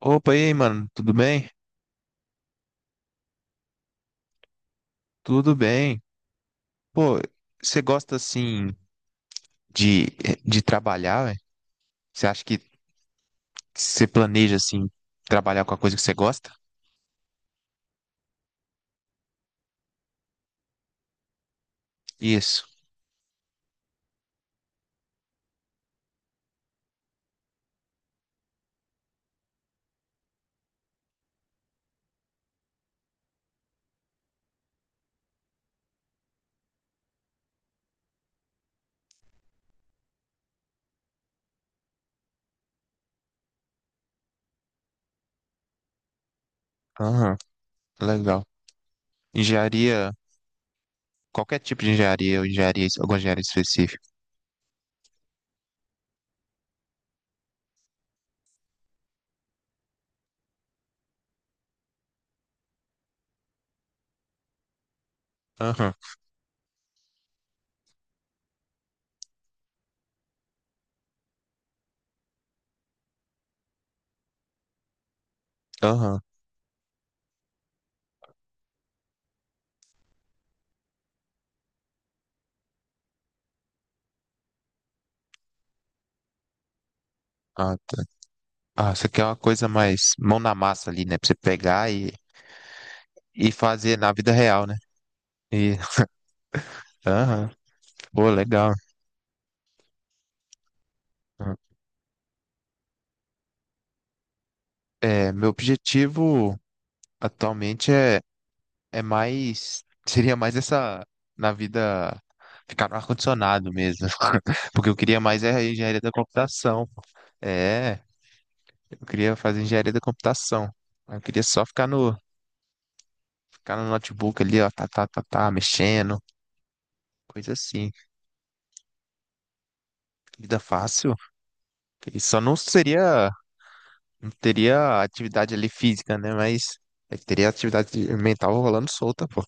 Opa, e aí, mano, tudo bem? Tudo bem. Pô, você gosta assim de, de trabalhar, velho? Você acha que você planeja assim trabalhar com a coisa que você gosta? Isso. Aham, legal. Engenharia, qualquer tipo de engenharia, ou engenharia, alguma engenharia específica. Aham, aham. Ah, tá. Ah, você quer uma coisa mais mão na massa ali, né? Pra você pegar e fazer na vida real, né? E, aham, pô, legal. É, meu objetivo atualmente é mais. Seria mais essa. Na vida. Ficar no ar-condicionado mesmo. Porque eu queria mais é a engenharia da computação. É, eu queria fazer engenharia da computação. Eu queria só ficar no notebook ali, ó, tá, tá, tá, tá, mexendo, coisa assim. Vida fácil. E só não seria, não teria atividade ali física, né? Mas é, que teria atividade mental rolando solta, pô.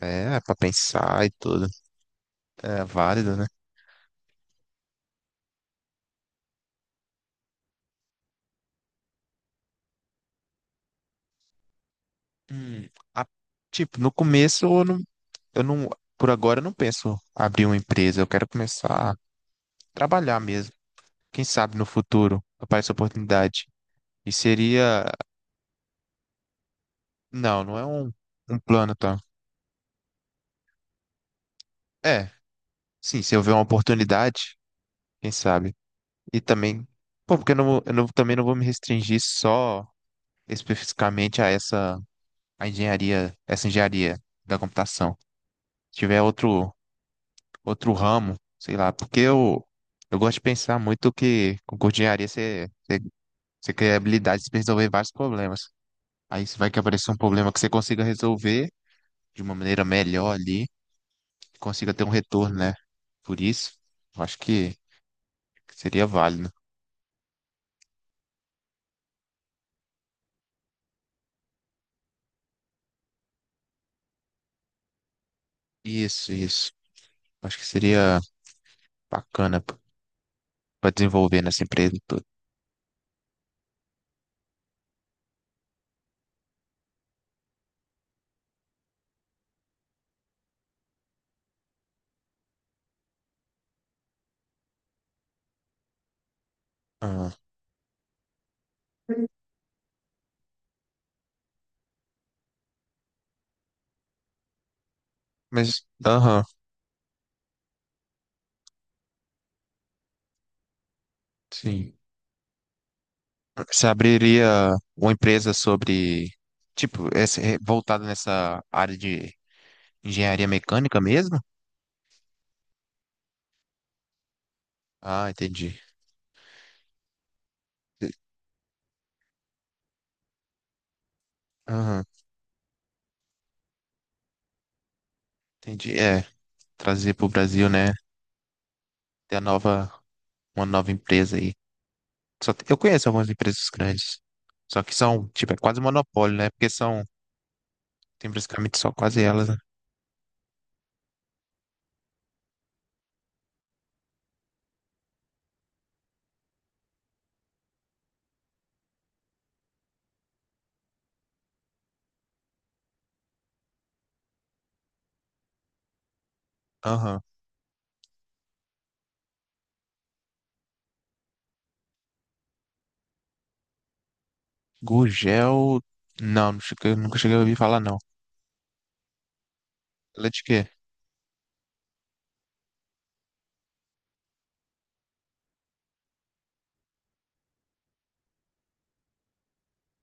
É, pra pensar e tudo. É válido, né? Hum, a- tipo, no começo eu não, por agora eu não penso abrir uma empresa, eu quero começar a trabalhar mesmo. Quem sabe no futuro aparece oportunidade. E seria, não, não é um plano, tá? É, sim, se houver uma oportunidade, quem sabe. E também, pô, porque eu não- também não vou me restringir só especificamente a essa, a engenharia, essa engenharia da computação. Se tiver outro ramo, sei lá, porque eu gosto de pensar muito que com engenharia você cria habilidades para resolver vários problemas. Aí você vai que aparecer um problema que você consiga resolver de uma maneira melhor ali, consiga ter um retorno, né? Por isso, eu acho que seria válido. Isso, isso. Acho que seria bacana para desenvolver nessa empresa e tudo. Ah, mas, aham, sim. Você abriria uma empresa sobre, tipo, esse, voltada nessa área de engenharia mecânica mesmo? Ah, entendi. Aham, entendi. É, trazer para o Brasil, né? Ter a nova uma nova empresa aí. Só que eu conheço algumas empresas grandes, só que são, tipo, é quase monopólio, né? Porque são, tem basicamente só quase elas, né? Aham. Gugel, não, não cheguei- nunca cheguei a ouvir falar, não. Ela é de quê?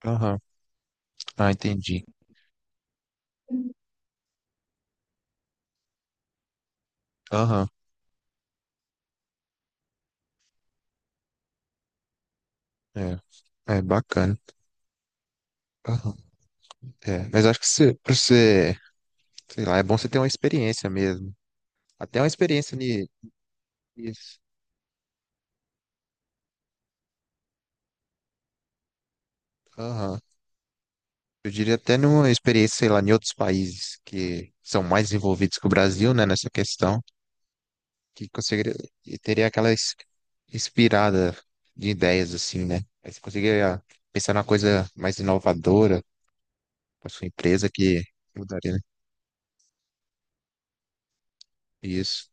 Aham. Ah, entendi. Aham. É, é bacana. Aham. É, mas acho que você, pra você, sei lá, é bom você ter uma experiência mesmo. Até uma experiência nisso. Aham. Eu diria até numa experiência, sei lá, em outros países que são mais envolvidos que o Brasil, né, nessa questão, que conseguiria, e teria aquela inspirada de ideias, assim, né? Aí você conseguiria pensar numa coisa mais inovadora para sua empresa que mudaria, né? Isso.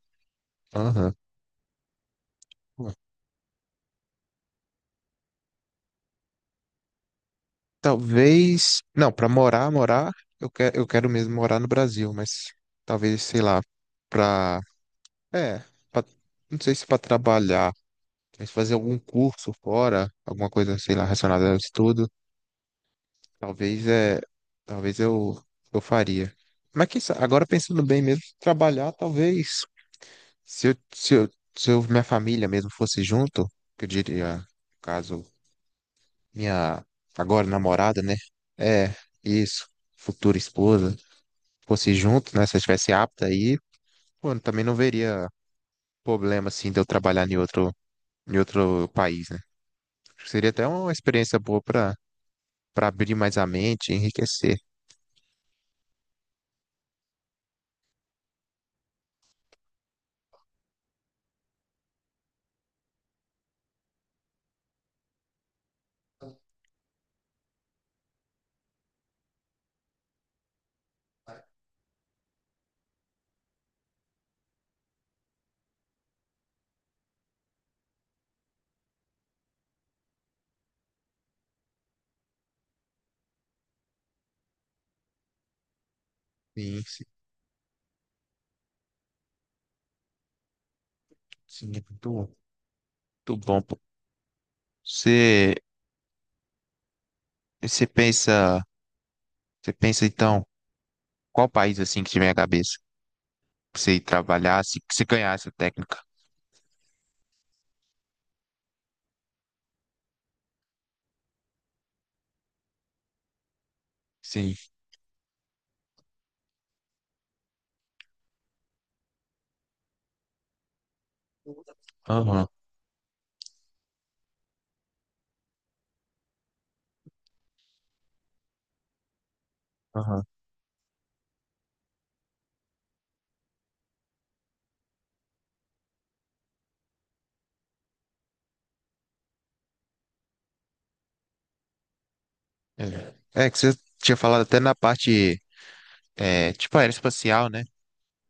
Aham. Pô, talvez, não, para morar, morar, eu quero mesmo morar no Brasil, mas talvez, sei lá, para, é, pra- não sei se para trabalhar. Quer fazer algum curso fora, alguma coisa, sei lá, relacionada ao estudo, talvez é, talvez eu faria. Mas agora pensando bem mesmo, trabalhar, talvez, se eu, se eu, se eu- minha família mesmo fosse junto, que eu diria, no caso, minha agora namorada, né? É, isso, futura esposa, fosse junto, né? Se eu estivesse apta aí, pô, eu também não veria problema, assim, de eu trabalhar em outro país, né? Acho que seria até uma experiência boa para abrir mais a mente, enriquecer. Sim, sim, sim, é muito, muito bom, pô. Você, você pensa, você pensa então, qual país assim que tiver a cabeça? Pra você ir trabalhar, se ganhar essa técnica. Sim. Aham, aham. É. É que você tinha falado até na parte, tipo aeroespacial, né?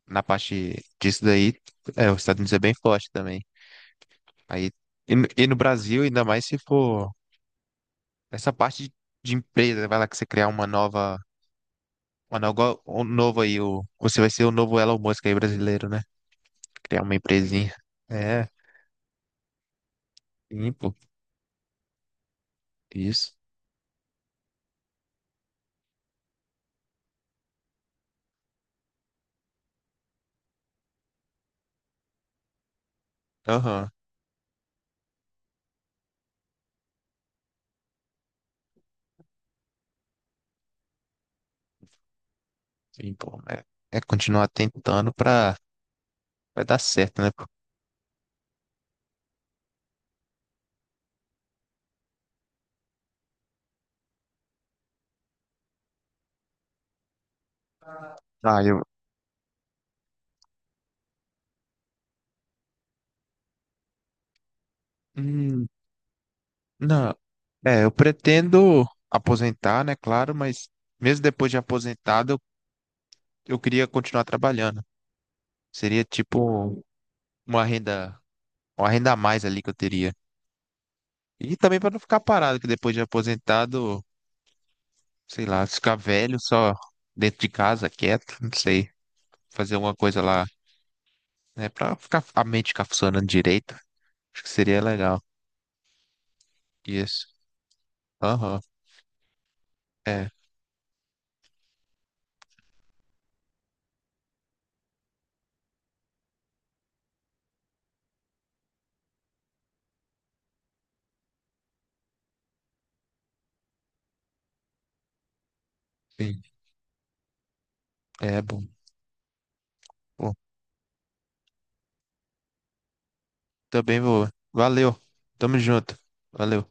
Na parte disso daí, os Estados Unidos é bem forte também. Aí, e no Brasil, ainda mais se for. Essa parte de empresa, vai lá que você criar uma nova um novo aí, você vai ser o novo Elon Musk aí brasileiro, né? Criar uma empresinha. É, sim, pô, isso. Aham, sim, pô. É continuar tentando pra, vai dar certo, né, pô? Ah, hum, não, eu pretendo aposentar, né, claro, mas mesmo depois de aposentado, eu queria continuar trabalhando. Seria tipo uma renda, uma renda a mais ali que eu teria. E também para não ficar parado, que depois de aposentado, sei lá, ficar velho só dentro de casa, quieto, não sei, fazer alguma coisa lá, né, para ficar a mente ficar funcionando direito. Acho que seria legal. Isso. Aham. É, sim. É bom. Bom, também vou. Valeu. Tamo junto. Valeu.